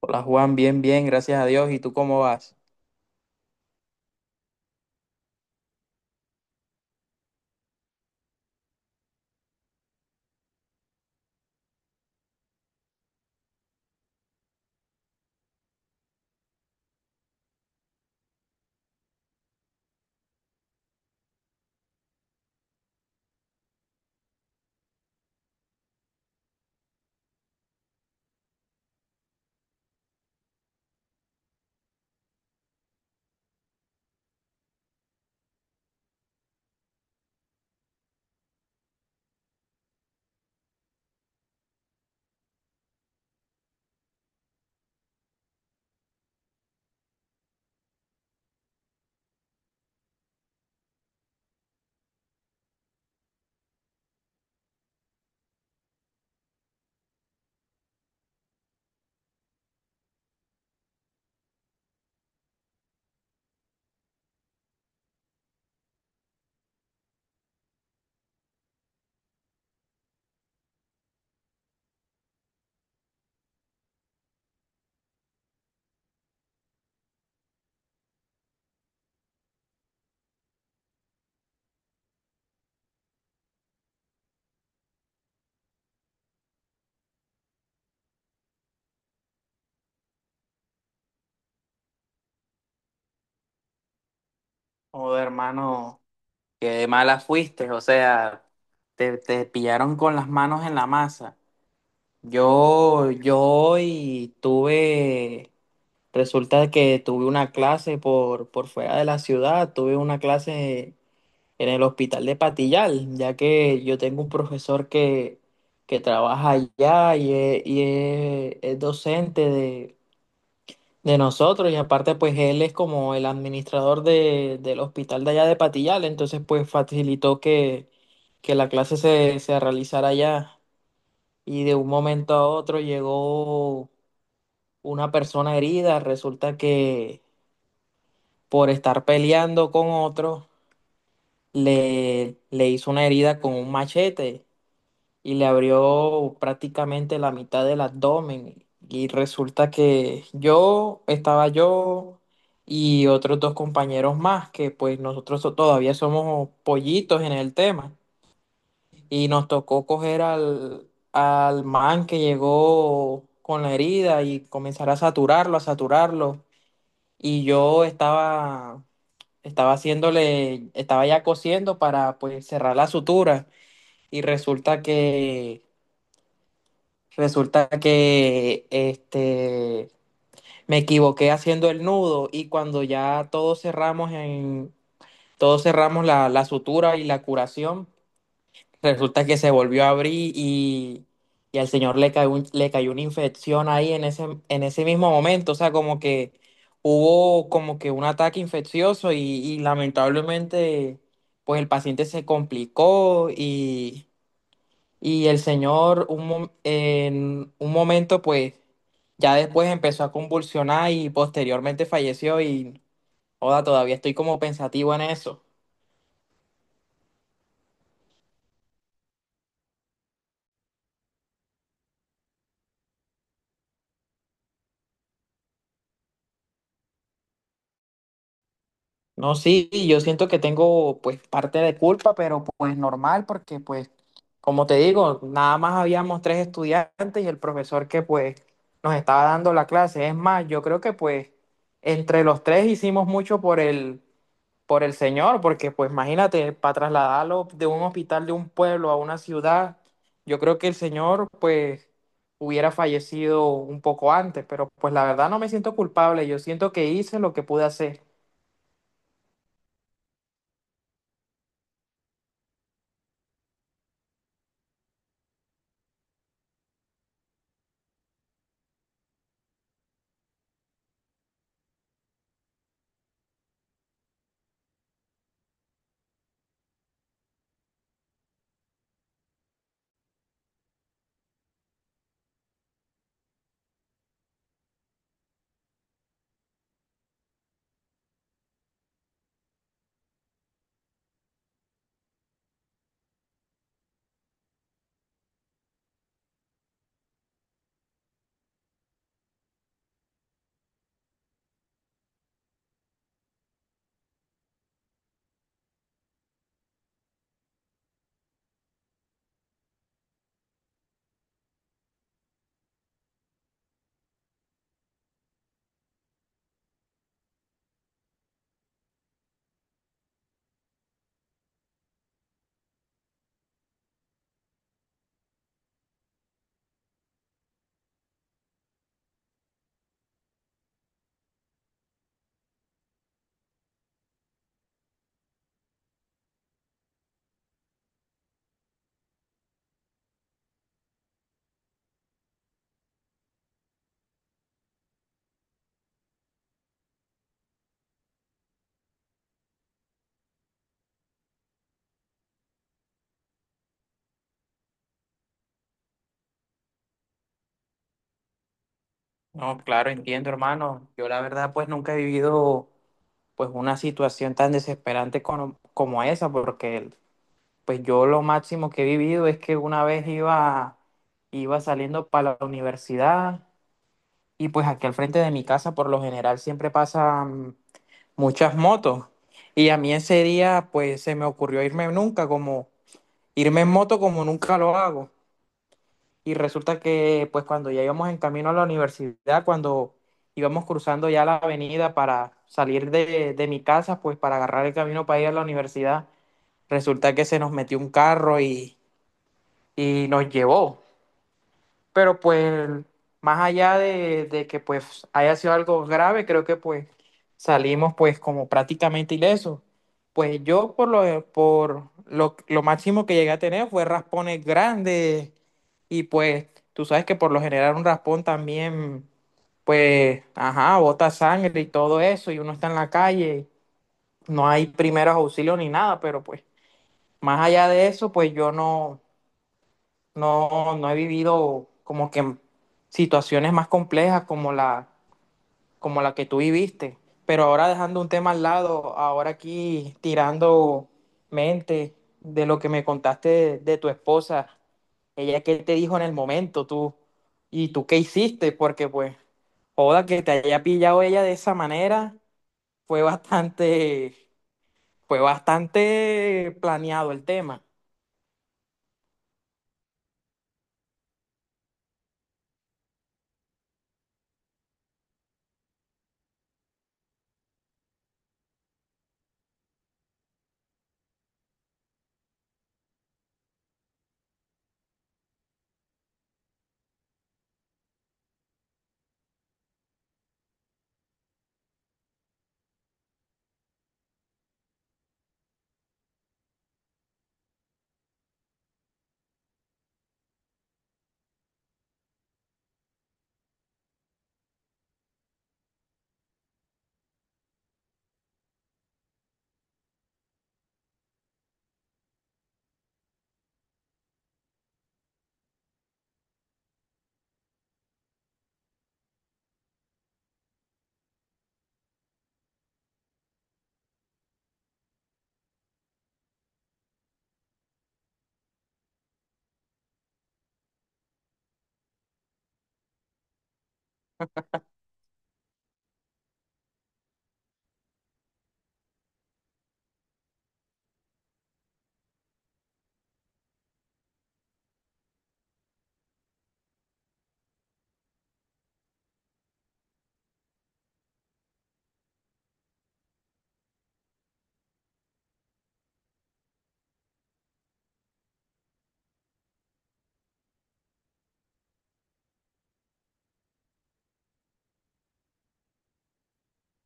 Hola Juan, bien, bien, gracias a Dios. ¿Y tú cómo vas? Joder, hermano, qué mala fuiste, o sea, te pillaron con las manos en la masa. Yo hoy tuve, resulta que tuve una clase por fuera de la ciudad, tuve una clase en el hospital de Patillal, ya que yo tengo un profesor que trabaja allá y es docente de nosotros y aparte pues él es como el administrador del hospital de allá de Patillal, entonces pues facilitó que la se realizara allá y de un momento a otro llegó una persona herida. Resulta que por estar peleando con otro le hizo una herida con un machete y le abrió prácticamente la mitad del abdomen. Y resulta que yo, estaba yo y otros dos compañeros más, que pues todavía somos pollitos en el tema. Y nos tocó coger al man que llegó con la herida y comenzar a saturarlo, a saturarlo. Y yo estaba haciéndole, estaba ya cosiendo para pues cerrar la sutura. Y resulta que me equivoqué haciendo el nudo y cuando todos cerramos la sutura y la curación. Resulta que se volvió a abrir y al señor le cayó una infección ahí en en ese mismo momento. O sea, como que hubo como que un ataque infeccioso y lamentablemente pues el paciente se complicó y el señor en un momento, pues, ya después empezó a convulsionar y posteriormente falleció y, joda, todavía estoy como pensativo en eso. No, sí, yo siento que tengo pues parte de culpa, pero pues normal, porque pues, como te digo, nada más habíamos tres estudiantes y el profesor que pues nos estaba dando la clase. Es más, yo creo que pues entre los tres hicimos mucho por por el señor, porque pues imagínate, para trasladarlo de un hospital de un pueblo a una ciudad, yo creo que el señor pues hubiera fallecido un poco antes, pero pues la verdad no me siento culpable, yo siento que hice lo que pude hacer. No, claro, entiendo, hermano. Yo la verdad pues nunca he vivido pues una situación tan desesperante como, como esa, porque pues yo lo máximo que he vivido es que una vez iba saliendo para la universidad. Y pues aquí al frente de mi casa por lo general siempre pasan muchas motos. Y a mí ese día pues se me ocurrió irme en moto como nunca lo hago. Y resulta que pues cuando ya íbamos en camino a la universidad, cuando íbamos cruzando ya la avenida para salir de mi casa, pues para agarrar el camino para ir a la universidad, resulta que se nos metió un carro y nos llevó. Pero pues más allá de que pues haya sido algo grave, creo que pues salimos pues como prácticamente ilesos. Pues yo lo máximo que llegué a tener fue raspones grandes y pues tú sabes que por lo general un raspón también pues ajá, bota sangre y todo eso y uno está en la calle, no hay primeros auxilios ni nada, pero pues más allá de eso pues yo no no, no he vivido como que situaciones más complejas como como la que tú viviste. Pero ahora dejando un tema al lado, ahora aquí tirando mente de lo que me contaste de tu esposa, ella qué te dijo en el momento, tú, y tú qué hiciste, porque pues, joda, que te haya pillado ella de esa manera, fue bastante, fue bastante planeado el tema.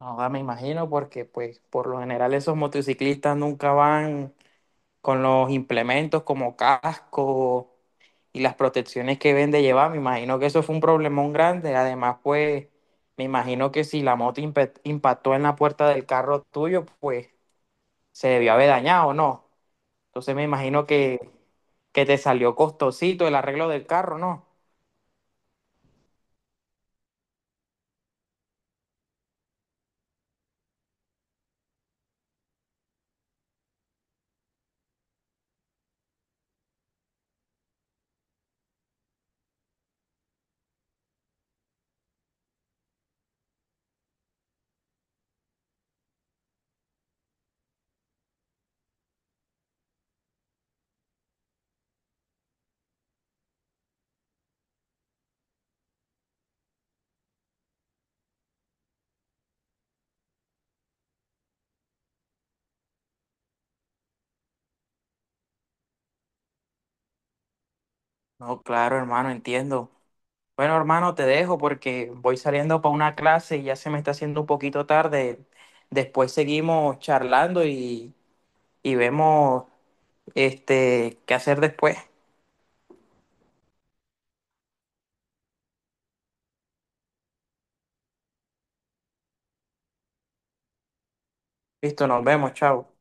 Ahora me imagino porque pues por lo general esos motociclistas nunca van con los implementos como casco y las protecciones que ven de llevar. Me imagino que eso fue un problemón grande. Además, pues me imagino que si la moto impactó en la puerta del carro tuyo, pues se debió haber dañado, ¿no? Entonces me imagino que te salió costosito el arreglo del carro, ¿no? No, claro, hermano, entiendo. Bueno, hermano, te dejo porque voy saliendo para una clase y ya se me está haciendo un poquito tarde. Después seguimos charlando y vemos este qué hacer después. Listo, nos vemos, chao.